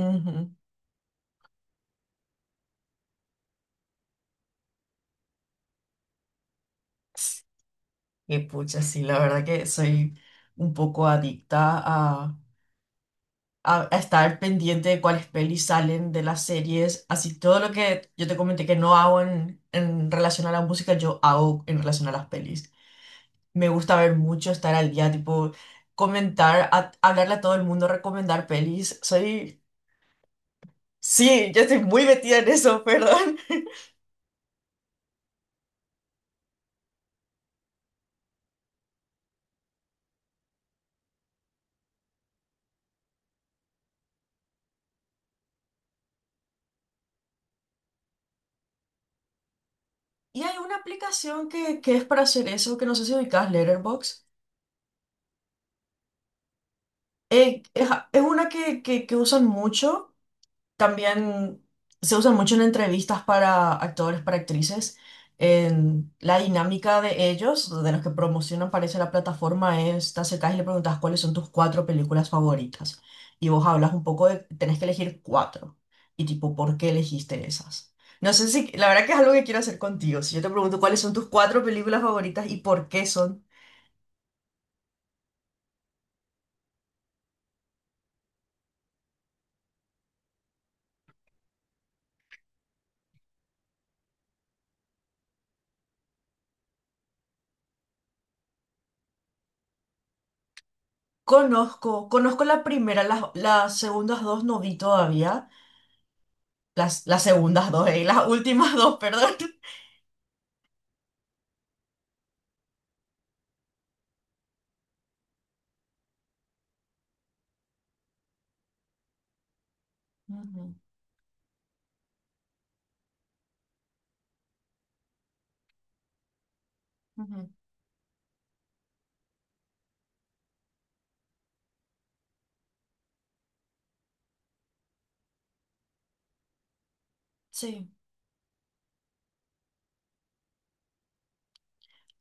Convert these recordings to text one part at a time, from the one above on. Ujú. Y pucha, sí, la verdad que soy un poco adicta a estar pendiente de cuáles pelis salen de las series. Así todo lo que yo te comenté que no hago en relación a la música, yo hago en relación a las pelis. Me gusta ver mucho, estar al día, tipo, comentar, hablarle a todo el mundo, recomendar pelis. Soy, sí, yo estoy muy metida en eso, perdón. Y hay una aplicación que es para hacer eso, que no sé si ubicás, Letterboxd. Es una que usan mucho, también se usan mucho en entrevistas para actores, para actrices. En la dinámica de ellos, de los que promocionan, parece la plataforma, es te acercás y le preguntas cuáles son tus cuatro películas favoritas. Y vos hablas un poco de, tenés que elegir cuatro. Y tipo, ¿por qué elegiste esas? No sé si, la verdad que es algo que quiero hacer contigo. Si yo te pregunto cuáles son tus cuatro películas favoritas y por qué son. Conozco, conozco la primera, las segundas dos no vi todavía. Las segundas dos, las últimas dos, perdón. Ujú, ujú. Sí.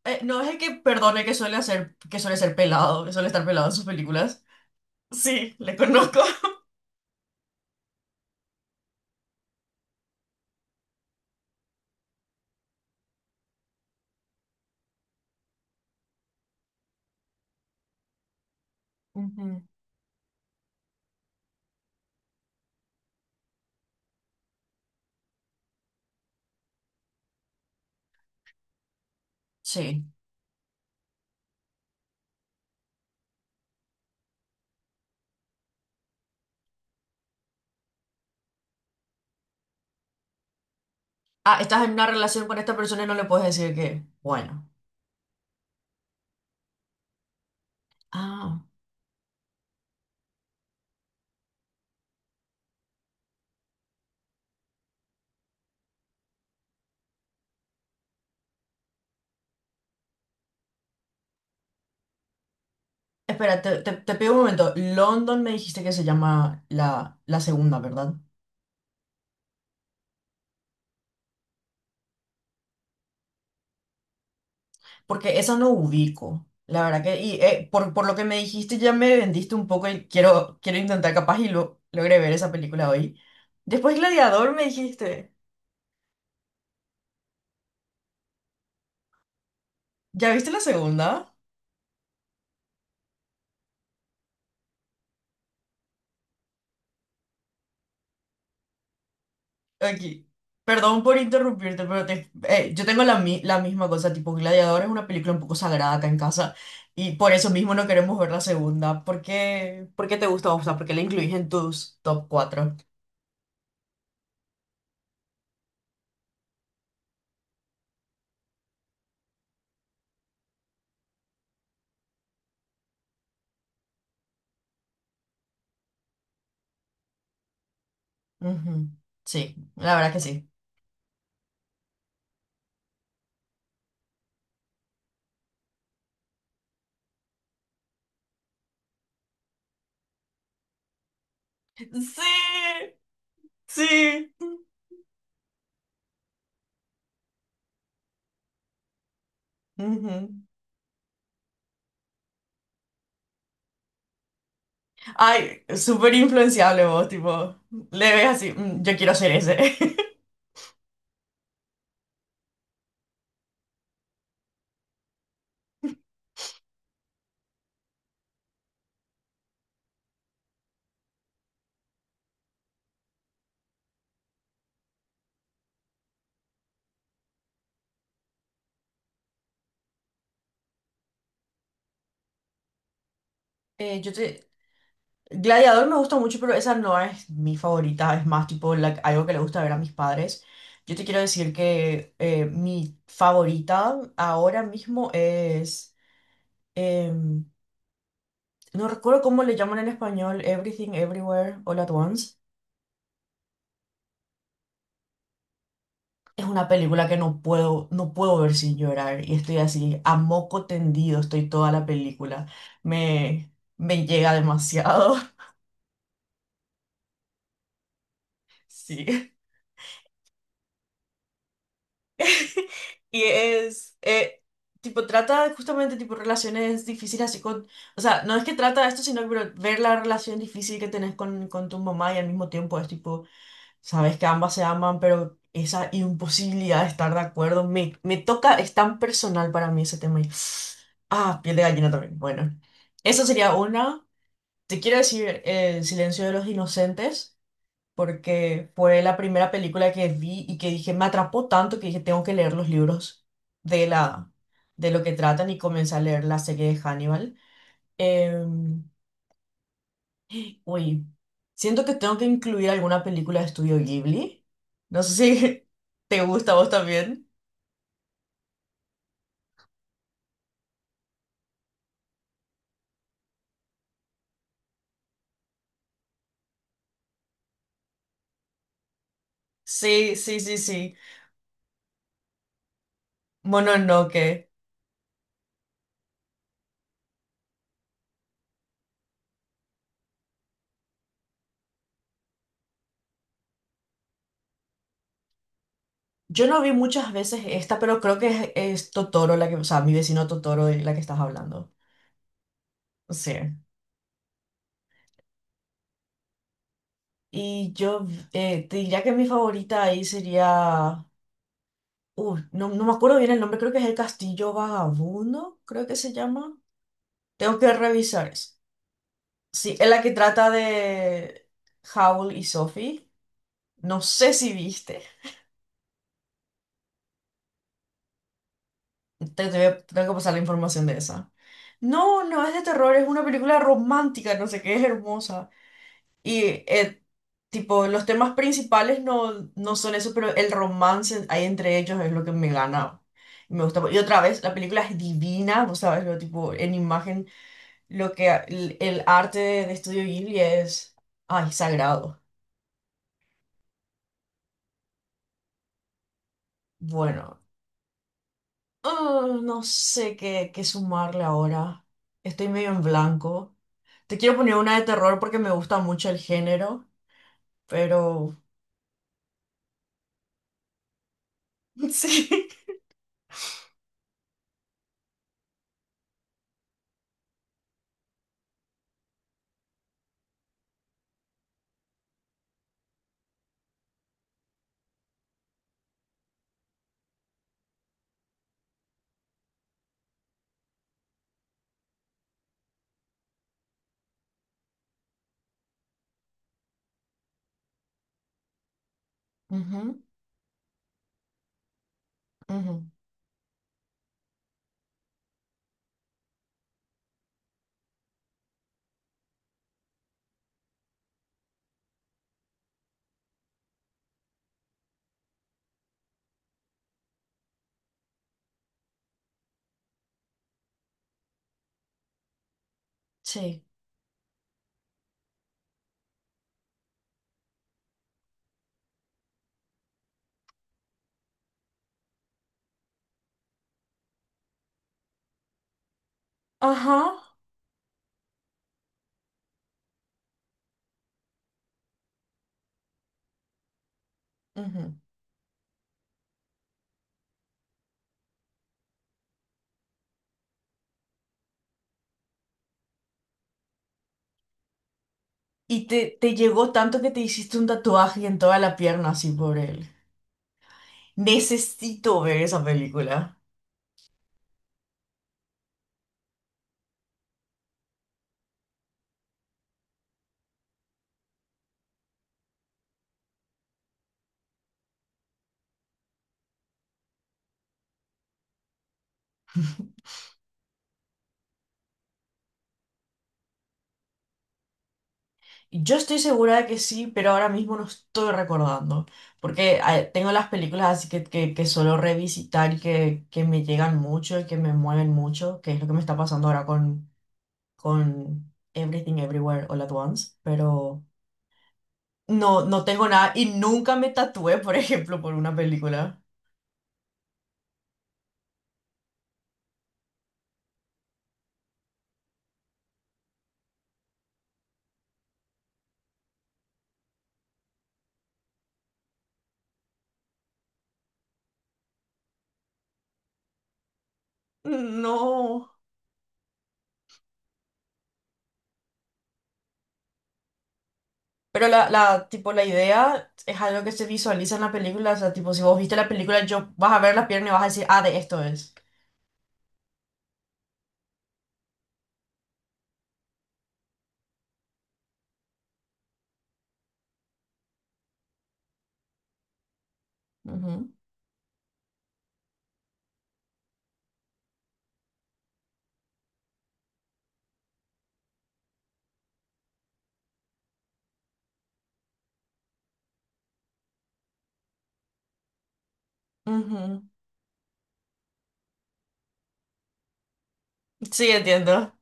No es el que perdone que suele hacer, que suele ser pelado, que suele estar pelado en sus películas. Sí, le conozco. Ujú. Sí. Ah, estás en una relación con esta persona y no le puedes decir que. Bueno. Ah. Espera, te pido un momento. London me dijiste que se llama la, la segunda, ¿verdad? Porque eso no ubico, la verdad que, y por lo que me dijiste ya me vendiste un poco y quiero, quiero intentar capaz y lo, logré ver esa película hoy. Después Gladiador me dijiste, ¿ya viste la segunda? Aquí. Perdón por interrumpirte, pero yo tengo la, la misma cosa, tipo Gladiador es una película un poco sagrada acá en casa y por eso mismo no queremos ver la segunda. Por qué te gusta? O sea, ¿por qué la incluís en tus top 4? Sí, la verdad que sí. Sí, sí. Ujú. Ay, súper influenciable vos, tipo, le ves así, "Mm, yo quiero ser ese." Yo te... Gladiador me gusta mucho, pero esa no es mi favorita, es más tipo algo que le gusta ver a mis padres. Yo te quiero decir que mi favorita ahora mismo es... em, no recuerdo cómo le llaman en español, Everything Everywhere All at Once. Es una película que no puedo, no puedo ver sin llorar y estoy así, a moco tendido, estoy toda la película. Me llega demasiado. Sí. Y es, tipo, trata justamente, tipo, relaciones difíciles así con, o sea, no es que trata de esto, sino que ver la relación difícil que tenés con tu mamá y al mismo tiempo es, tipo, sabes que ambas se aman, pero esa imposibilidad de estar de acuerdo me, me toca, es tan personal para mí ese tema. Y ah, piel de gallina también. Bueno, esa sería una. Te quiero decir El Silencio de los Inocentes, porque fue la primera película que vi y que dije, me atrapó tanto que dije, tengo que leer los libros de la, de lo que tratan y comencé a leer la serie de Hannibal. Em, Uy, siento que tengo que incluir alguna película de Estudio Ghibli. No sé si te gusta a vos también. Sí, sí, sí, sí. Mononoke. Yo no vi muchas veces esta, pero creo que es Totoro la que, o sea, Mi vecino Totoro de la que estás hablando. Sí. Y yo te diría que mi favorita ahí sería. No, no me acuerdo bien el nombre, creo que es El Castillo Vagabundo, creo que se llama. Tengo que revisar eso. Sí, es la que trata de Howl y Sophie. No sé si viste. Te voy tengo que pasar la información de esa. No, no es de terror, es una película romántica, no sé qué, es hermosa. Y, tipo, los temas principales no, no son eso, pero el romance ahí entre ellos es lo que me gana. Y me gusta. Y otra vez, la película es divina, vos sabes, lo tipo, en imagen, lo que el arte de Estudio Ghibli es, ay, sagrado. Bueno, ah, no sé qué, qué sumarle ahora. Estoy medio en blanco. Te quiero poner una de terror porque me gusta mucho el género, pero... Sí. Ujú, ujú. Sí. Ajá. Ujú. Y te llegó tanto que te hiciste un tatuaje en toda la pierna así por él. Necesito ver esa película. Yo estoy segura de que sí, pero ahora mismo no estoy recordando, porque tengo las películas así que suelo revisitar y que me llegan mucho y que me mueven mucho, que es lo que me está pasando ahora con Everything Everywhere All at Once, pero no, no tengo nada y nunca me tatué, por ejemplo, por una película. No. Pero la, tipo, la idea es algo que se visualiza en la película, o sea, tipo, si vos viste la película, yo vas a ver la pierna y vas a decir, ah, de esto es. Ujú. Ujú. Sí, entiendo.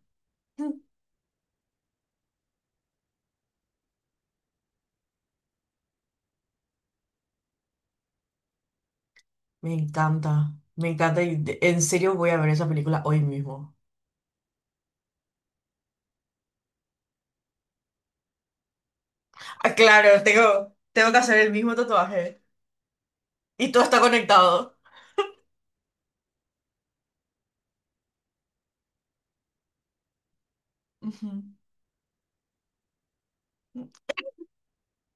Me encanta y de- en serio voy a ver esa película hoy mismo. Ah, claro, tengo, tengo que hacer el mismo tatuaje. Y todo está conectado. Ujú.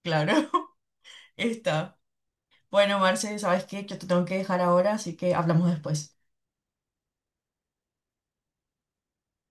Claro, está. Bueno, Marce, ¿sabes qué? Yo te tengo que dejar ahora, así que hablamos después.